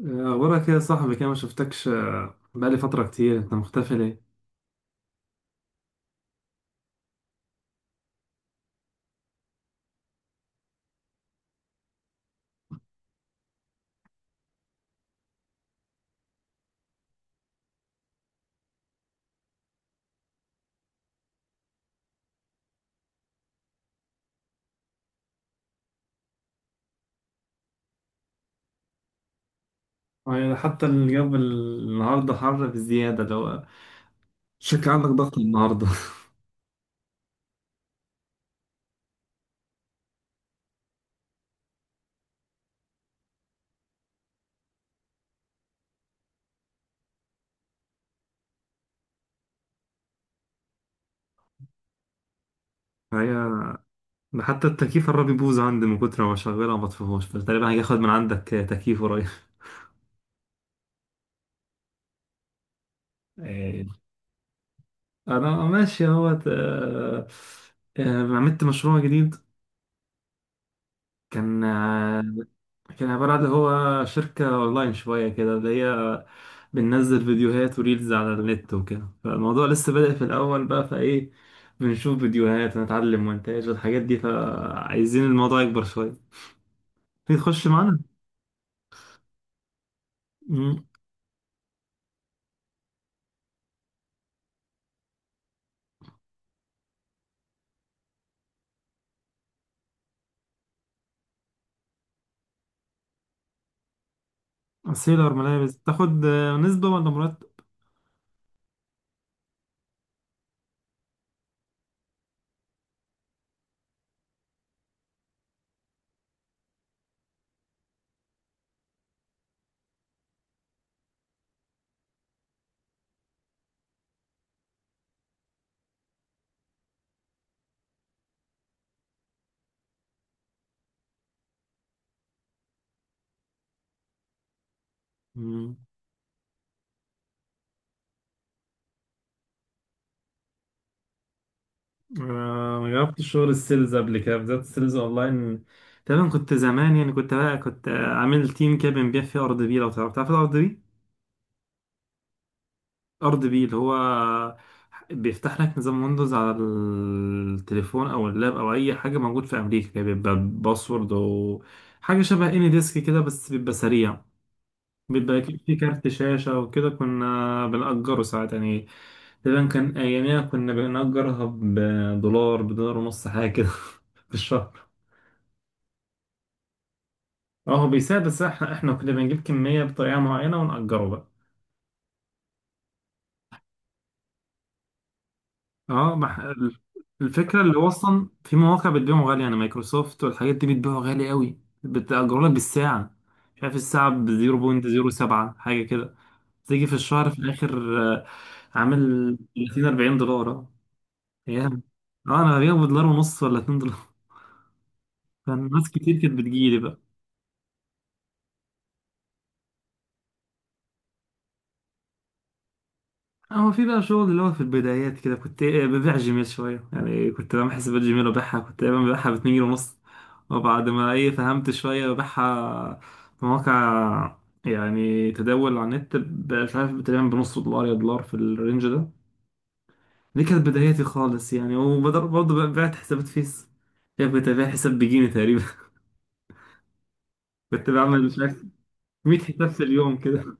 أخبارك إيه يا صاحبي كده، ما شفتكش بقالي فترة كتير. أنت مختفي ليه؟ يعني حتى الجو النهاردة حر بزيادة. لو شكل عندك ضغط النهاردة. هي، ده حتى التكييف قرب يبوظ عندي من كتر ما بشغلها ما بطفيهوش، فتقريبا هاجي آخد من عندك تكييف قريب. آه، أنا ماشي أهوت عملت مشروع جديد. كان كان عبارة عن هو شركة أونلاين شوية، كده اللي هي بننزل فيديوهات وريلز على النت وكده، فالموضوع لسه بادئ في الأول بقى، فإيه، بنشوف فيديوهات ونتعلم مونتاج والحاجات دي، فعايزين الموضوع يكبر شوية. تيجي تخش معانا. مم. سيلر ملابس، تاخد نسبة ولا مرتب؟ مم. ما جربتش شغل السيلز قبل كده، بالذات السيلز أونلاين. تقريبا كنت زمان، يعني كنت عامل تيم كده بنبيع فيه أرض بي. لو تعرف، تعرف الأرض بي؟ ارض بي اللي هو بيفتح لك نظام ويندوز على التليفون او اللاب او اي حاجه، موجود في امريكا كده، بيبقى باسورد وحاجه شبه اني ديسك كده، بس بيبقى سريع. في كارت شاشه وكده، كنا بنأجره ساعات يعني. تقريبا كان اياميها كنا بنأجرها بدولار، بدولار ونص حاجه كده في الشهر. اه هو بيساعد، بس احنا كنا بنجيب كميه بطريقه معينه ونأجره بقى. اه ما ح- ال- الفكره، اللي هو اصلا في مواقع بتبيعهم غالي، يعني مايكروسوفت والحاجات دي بتبيعه غالي قوي، بتأجروا لك بالساعه. مش عارف الساعه ب 0.07 حاجه كده، تيجي في الشهر في الاخر عامل 30 $40. اه، ايام. اه انا ببيعه بدولار ونص ولا $2 كان ناس كتير كانت بتجيلي بقى. هو في بقى شغل، اللي هو في البدايات كده، كنت ببيع جيميل شوية، يعني كنت بعمل حسابات جيميل وببيعها، كنت دايما ببيعها باتنين جنيه ونص، وبعد ما ايه فهمت شوية ببيعها في مواقع، يعني تداول على النت، مش عارف، تقريبا بنص دولار يا دولار، في الرينج ده. دي كانت بداياتي خالص يعني، وبرضه بعت حسابات فيس. يعني كنت ببيع حساب بجيني تقريبا كنت بعمل مش عارف 100 حساب في اليوم كده.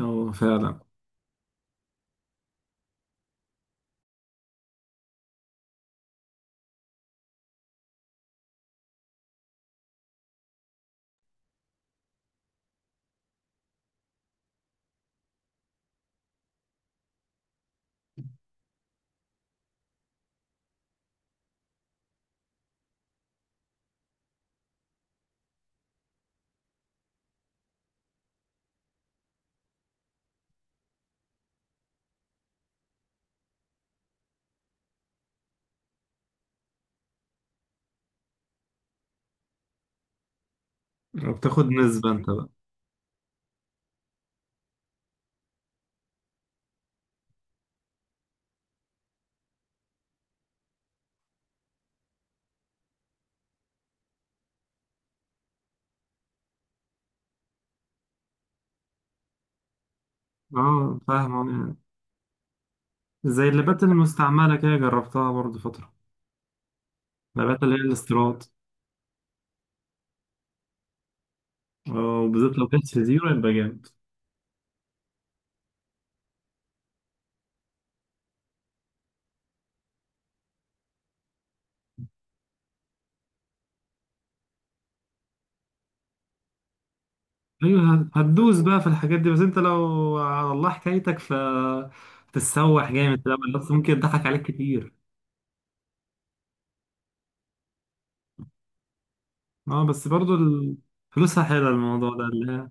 اه فعلا. وبتاخد نسبة انت بقى. اه فاهم. زي اللابات المستعملة كده، جربتها برضه فترة. اللابات اللي هي الاستيراد. وبالذات لو كانت في زيرو يبقى جامد. أيوه، هتدوس بقى في الحاجات دي، بس أنت لو على الله حكايتك، ف تتسوح جامد في الأول، بس ممكن يضحك عليك كتير. أه، بس برضه فلوسها حلوة الموضوع ده اللي هي.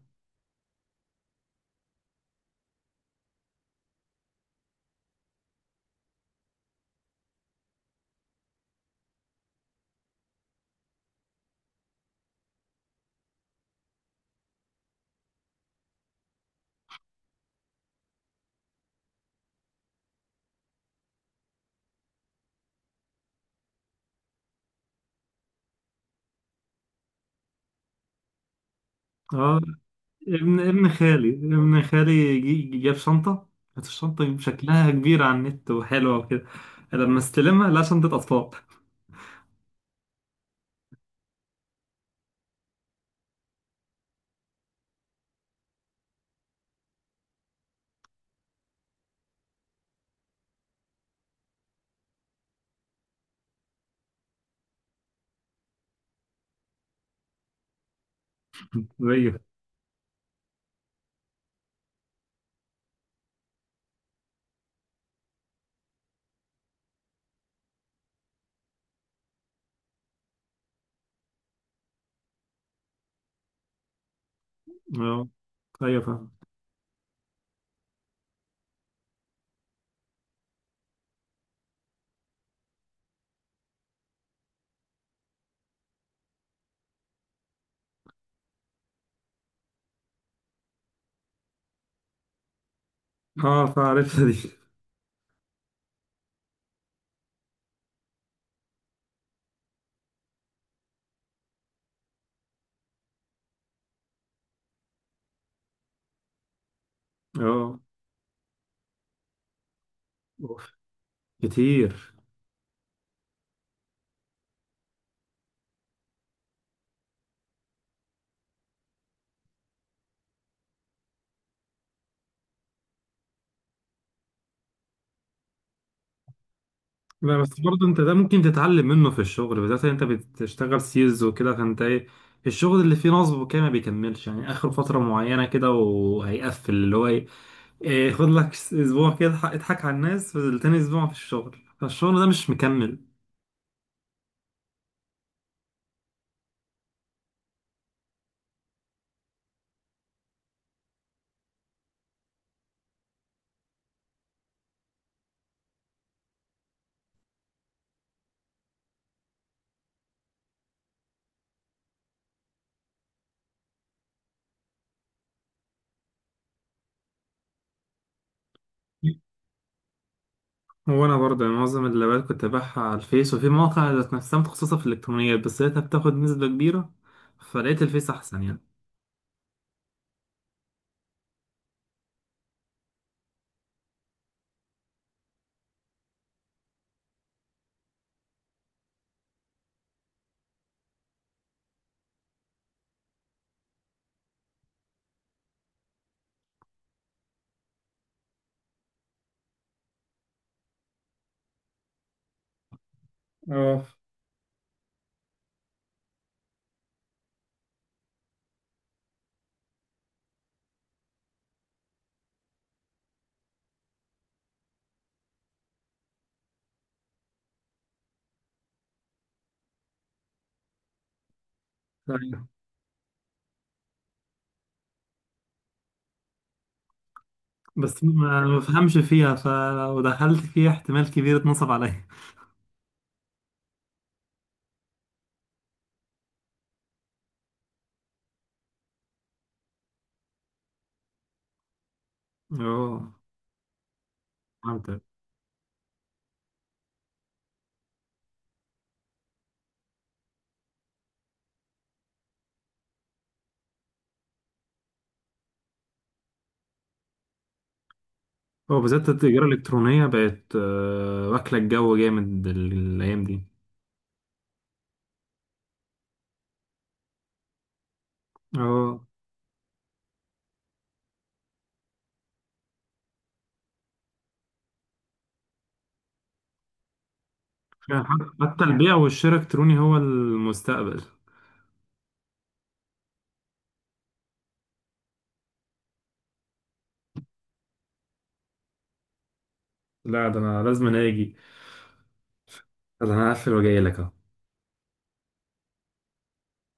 أه. ابن خالي جاب شنطة. كانت الشنطة شكلها كبير على النت وحلوة وكده، لما استلمها، لا، شنطة أطفال أيوه. أه. أيوه فاهم. اه فعرفتها دي. اه. أوف. كتير. لا بس برضه انت، ده ممكن تتعلم منه في الشغل، بالذات انت بتشتغل سيلز وكده، فانت ايه، الشغل اللي فيه نصب وكده ما بيكملش يعني، اخر فترة معينة كده وهيقفل، اللي هو ايه، خد لك اسبوع كده اضحك اضحك على الناس، تاني اسبوع في الشغل، فالشغل ده مش مكمل. هو انا برضه يعني معظم اللابات كنت ببيعها على الفيس، وفي مواقع ذات نفسها متخصصة في الالكترونيات، بس لقيتها بتاخد نسبة كبيرة، فلقيت الفيس احسن يعني. اه. طيب. بس ما بفهمش فيها، فلو دخلت فيها احتمال كبير اتنصب عليا. اه فهمتك. هو بالذات التجارة الإلكترونية بقت واكلة الجو جامد الأيام دي. اه يعني حتى البيع والشراء الإلكتروني هو المستقبل. لا ده أنا لازم أنا أجي. ده أنا هقفل وجاي لك أهو.